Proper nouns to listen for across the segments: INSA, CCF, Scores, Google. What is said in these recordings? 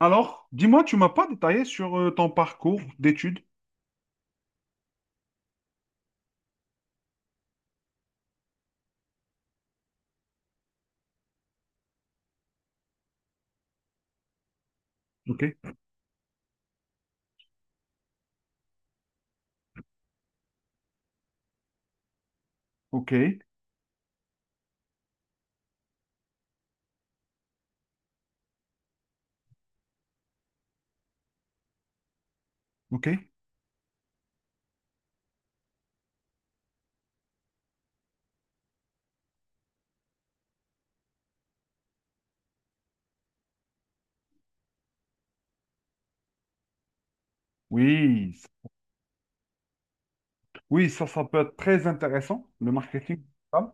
Alors, dis-moi, tu m'as pas détaillé sur ton parcours d'études. Ok, ok, ok. Oui, oui, ça peut être très intéressant, le marketing digital.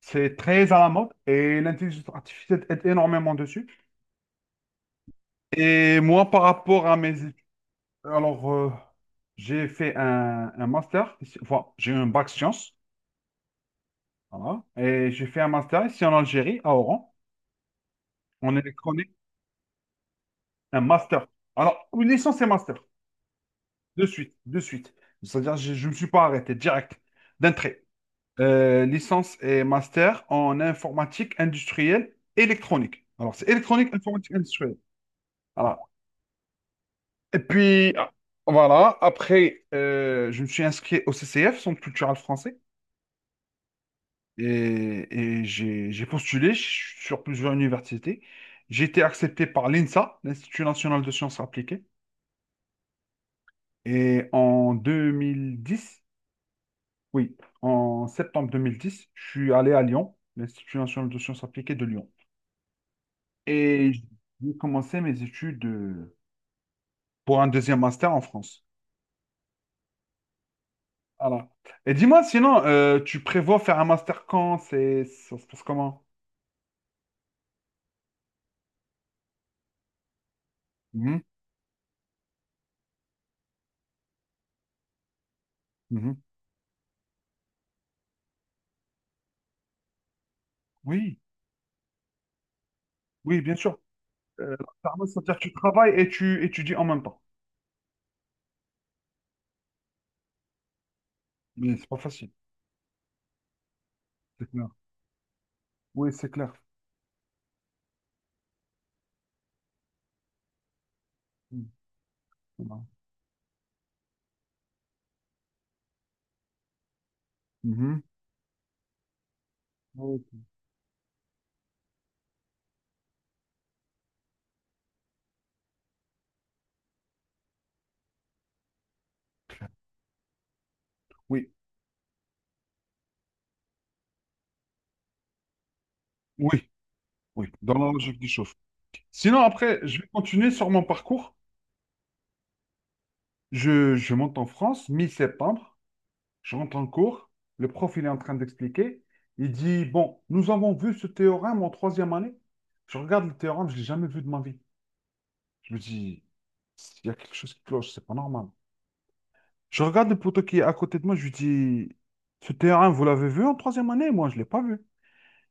C'est très à la mode et l'intelligence artificielle est énormément dessus. Et moi, par rapport à mes études, alors, j'ai fait un master, enfin, j'ai eu un bac sciences, voilà, et j'ai fait un master ici en Algérie, à Oran, en électronique, un master. Alors, une licence et master. De suite, de suite. C'est-à-dire, je ne me suis pas arrêté, direct, d'entrée. Licence et master en informatique industrielle électronique. Alors, c'est électronique, informatique industrielle. Voilà. Et puis, ah, voilà, après, je me suis inscrit au CCF, Centre culturel français, et, et j'ai postulé sur plusieurs universités. J'ai été accepté par l'INSA, l'Institut national de sciences appliquées, et en 2010, oui, en septembre 2010, je suis allé à Lyon, l'Institut national de sciences appliquées de Lyon. Et j'ai commencé mes études pour un deuxième master en France. Voilà. Et dis-moi, sinon, tu prévois faire un master quand? C'est, ça se passe comment? Mhm, mhm. Oui, oui, bien sûr. L'alternance, c'est-à-dire que tu travailles et tu étudies en même temps. Mais c'est pas facile. C'est clair. Oui, c'est clair. Mhm. Voilà. Mhm. Oui, oui, oui. Dans la logique des chauffe. Sinon, après, je vais continuer sur mon parcours. Je monte en France, mi-septembre, je rentre en cours, le prof il est en train d'expliquer, il dit, bon, nous avons vu ce théorème en troisième année, je regarde le théorème, je l'ai jamais vu de ma vie. Je me dis, il y a quelque chose qui cloche, c'est pas normal. Je regarde le poteau qui est à côté de moi, je lui dis, ce théorème, vous l'avez vu en troisième année? Moi, je l'ai pas vu.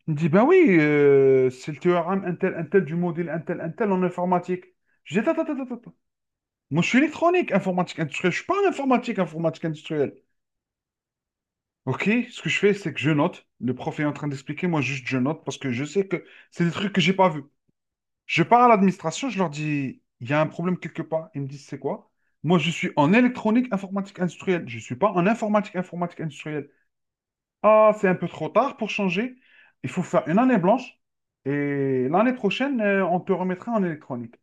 Il me dit, ben oui, c'est le théorème intel, intel du module intel, intel en informatique. Je dis, attends, attends, attends, attends. Moi, je suis électronique, informatique industrielle, je suis pas en informatique, informatique industrielle. Ok, ce que je fais, c'est que je note. Le prof est en train d'expliquer, moi juste je note parce que je sais que c'est des trucs que j'ai pas vus. Je pars à l'administration, je leur dis, il y a un problème quelque part. Ils me disent, c'est quoi? Moi, je suis en électronique informatique industrielle. Je ne suis pas en informatique informatique industrielle. Ah, c'est un peu trop tard pour changer. Il faut faire une année blanche et l'année prochaine, on te remettra en électronique.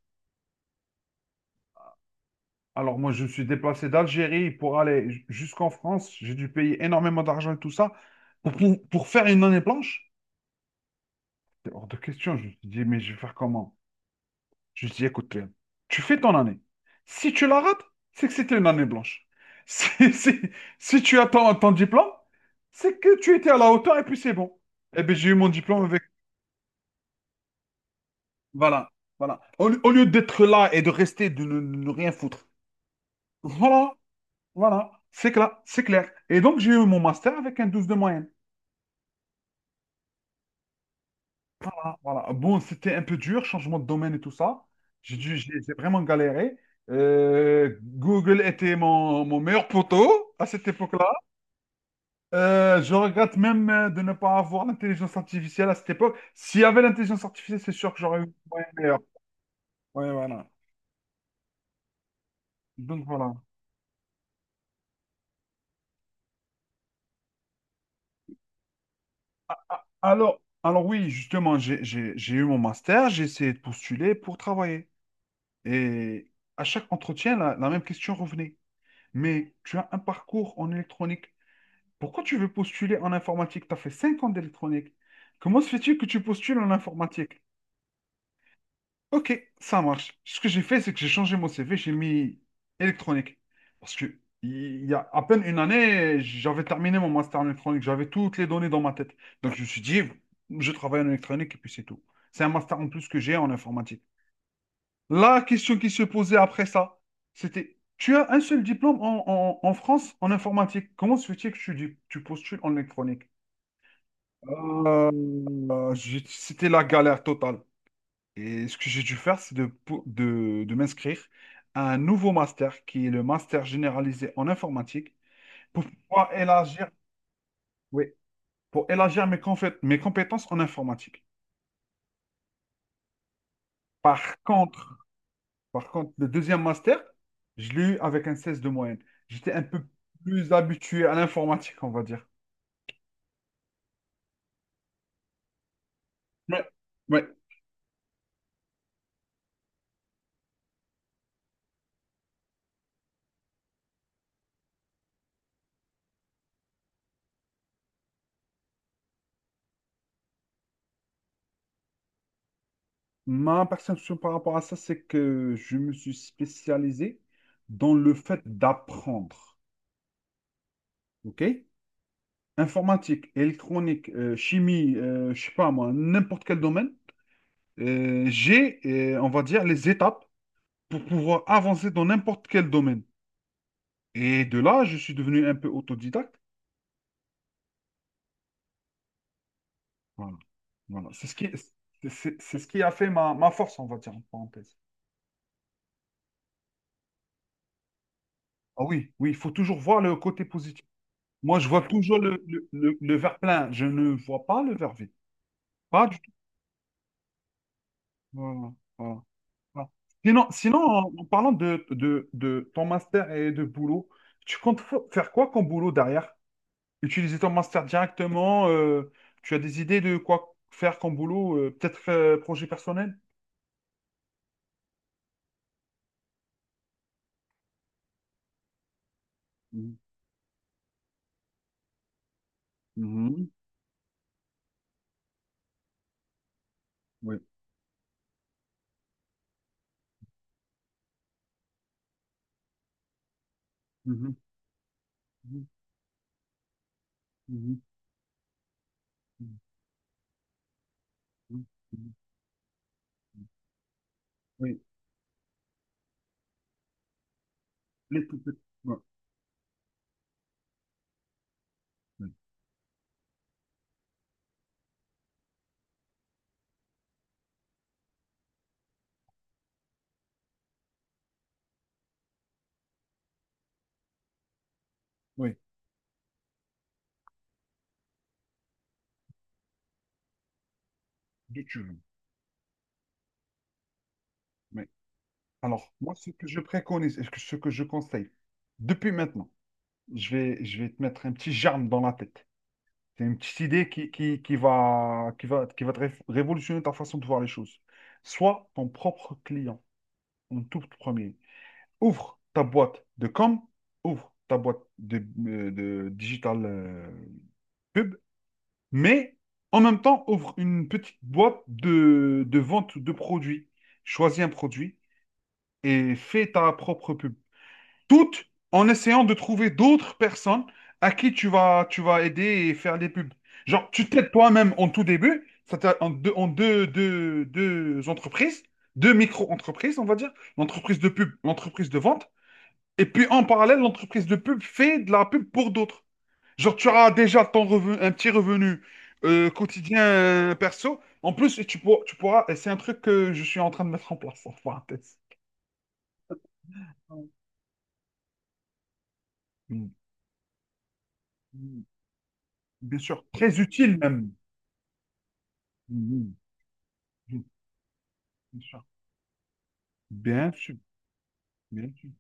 Alors moi, je me suis déplacé d'Algérie pour aller jusqu'en France. J'ai dû payer énormément d'argent et tout ça pour faire une année blanche. C'est hors de question. Je me dis mais je vais faire comment? Je me suis écoute, Léon, tu fais ton année. Si tu la rates, c'est que c'était une année blanche. Si, si, si tu as ton diplôme, c'est que tu étais à la hauteur et puis c'est bon. Eh bien, j'ai eu mon diplôme avec. Voilà, voilà. Au, au lieu d'être là et de rester, de ne rien foutre. Voilà, voilà. C'est clair, c'est clair. Et donc, j'ai eu mon master avec un 12 de moyenne. Voilà. Bon, c'était un peu dur, changement de domaine et tout ça. J'ai dû, j'ai vraiment galéré. Google était mon meilleur poteau à cette époque-là. Je regrette même de ne pas avoir l'intelligence artificielle à cette époque. S'il y avait l'intelligence artificielle, c'est sûr que j'aurais eu un moyen meilleur. Ouais, voilà. Donc voilà. Alors oui, justement, j'ai eu mon master, j'ai essayé de postuler pour travailler. Et à chaque entretien, la même question revenait. Mais tu as un parcours en électronique. Pourquoi tu veux postuler en informatique? Tu as fait 5 ans d'électronique. Comment se fait-il que tu postules en informatique? Ok, ça marche. Ce que j'ai fait, c'est que j'ai changé mon CV, j'ai mis électronique. Parce que il y a à peine une année, j'avais terminé mon master en électronique, j'avais toutes les données dans ma tête. Donc je me suis dit, je travaille en électronique et puis c'est tout. C'est un master en plus que j'ai en informatique. La question qui se posait après ça, c'était, tu as un seul diplôme en France en informatique. Comment se fait-il que tu postules en électronique? C'était la galère totale. Et ce que j'ai dû faire, c'est de m'inscrire à un nouveau master qui est le master généralisé en informatique pour pouvoir élargir, oui, pour élargir mes compétences en informatique. Par contre, par contre, le deuxième master, je l'ai eu avec un 16 de moyenne. J'étais un peu plus habitué à l'informatique, on va dire. Ouais, ouais. Ma perception par rapport à ça, c'est que je me suis spécialisé dans le fait d'apprendre. OK? Informatique, électronique, chimie, je sais pas moi, n'importe quel domaine. Euh, j'ai, on va dire, les étapes pour pouvoir avancer dans n'importe quel domaine. Et de là, je suis devenu un peu autodidacte. Voilà. Voilà. C'est ce qui, c'est ce qui a fait ma force, on va dire, en parenthèse. Ah oui, oui, il faut toujours voir le côté positif. Moi, je vois toujours le verre plein. Je ne vois pas le verre vide. Pas du tout. Voilà, voilà, voilà. Sinon, sinon, en parlant de ton master et de boulot, tu comptes faire quoi comme boulot derrière? Utiliser ton master directement, tu as des idées de quoi faire comme boulot, peut-être projet personnel? Mhm. Mhm. Oui. Mhm. Mhm. Mhm. Mhm. Mhm. Oui. Les- tout petits- ouais. Oui. Oui. D'où tu veux. Oui. Alors, moi, ce que je préconise et ce que je conseille, depuis maintenant, je vais te mettre un petit germe dans la tête. C'est une petite idée qui va te révolutionner ta façon de voir les choses. Sois ton propre client en tout premier. Ouvre ta boîte de com, ouvre ta boîte de digital pub, mais en même temps, ouvre une petite boîte de vente de produits. Choisis un produit et fais ta propre pub. Toutes en essayant de trouver d'autres personnes à qui tu vas aider et faire des pubs. Genre, tu t'aides toi-même en tout début, ça t'a- en deux, deux- deux entreprises, deux micro-entreprises, on va dire, l'entreprise de pub, l'entreprise de vente, et puis en parallèle, l'entreprise de pub fait de la pub pour d'autres. Genre, tu auras déjà ton revenu, un petit revenu quotidien perso. En plus, et tu pourras, et c'est un truc que je suis en train de mettre en place, en parenthèse. Mm. Bien sûr, très utile même. Mhm. Bien sûr. Bien sûr. Bien sûr.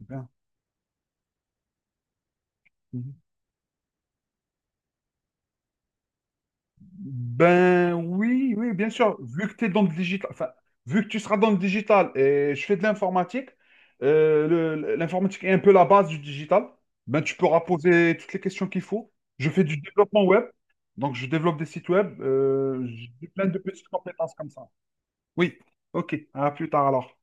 Bien. Mhm. Ben oui, oui, bien sûr. Vu que tu es dans le digital, enfin, vu que tu seras dans le digital et je fais de l'informatique, euh, l'informatique est un peu la base du digital. Ben, tu pourras poser toutes les questions qu'il faut. Je fais du développement web, donc je développe des sites web. J'ai plein de petites compétences comme ça. Oui, ok. À plus tard alors.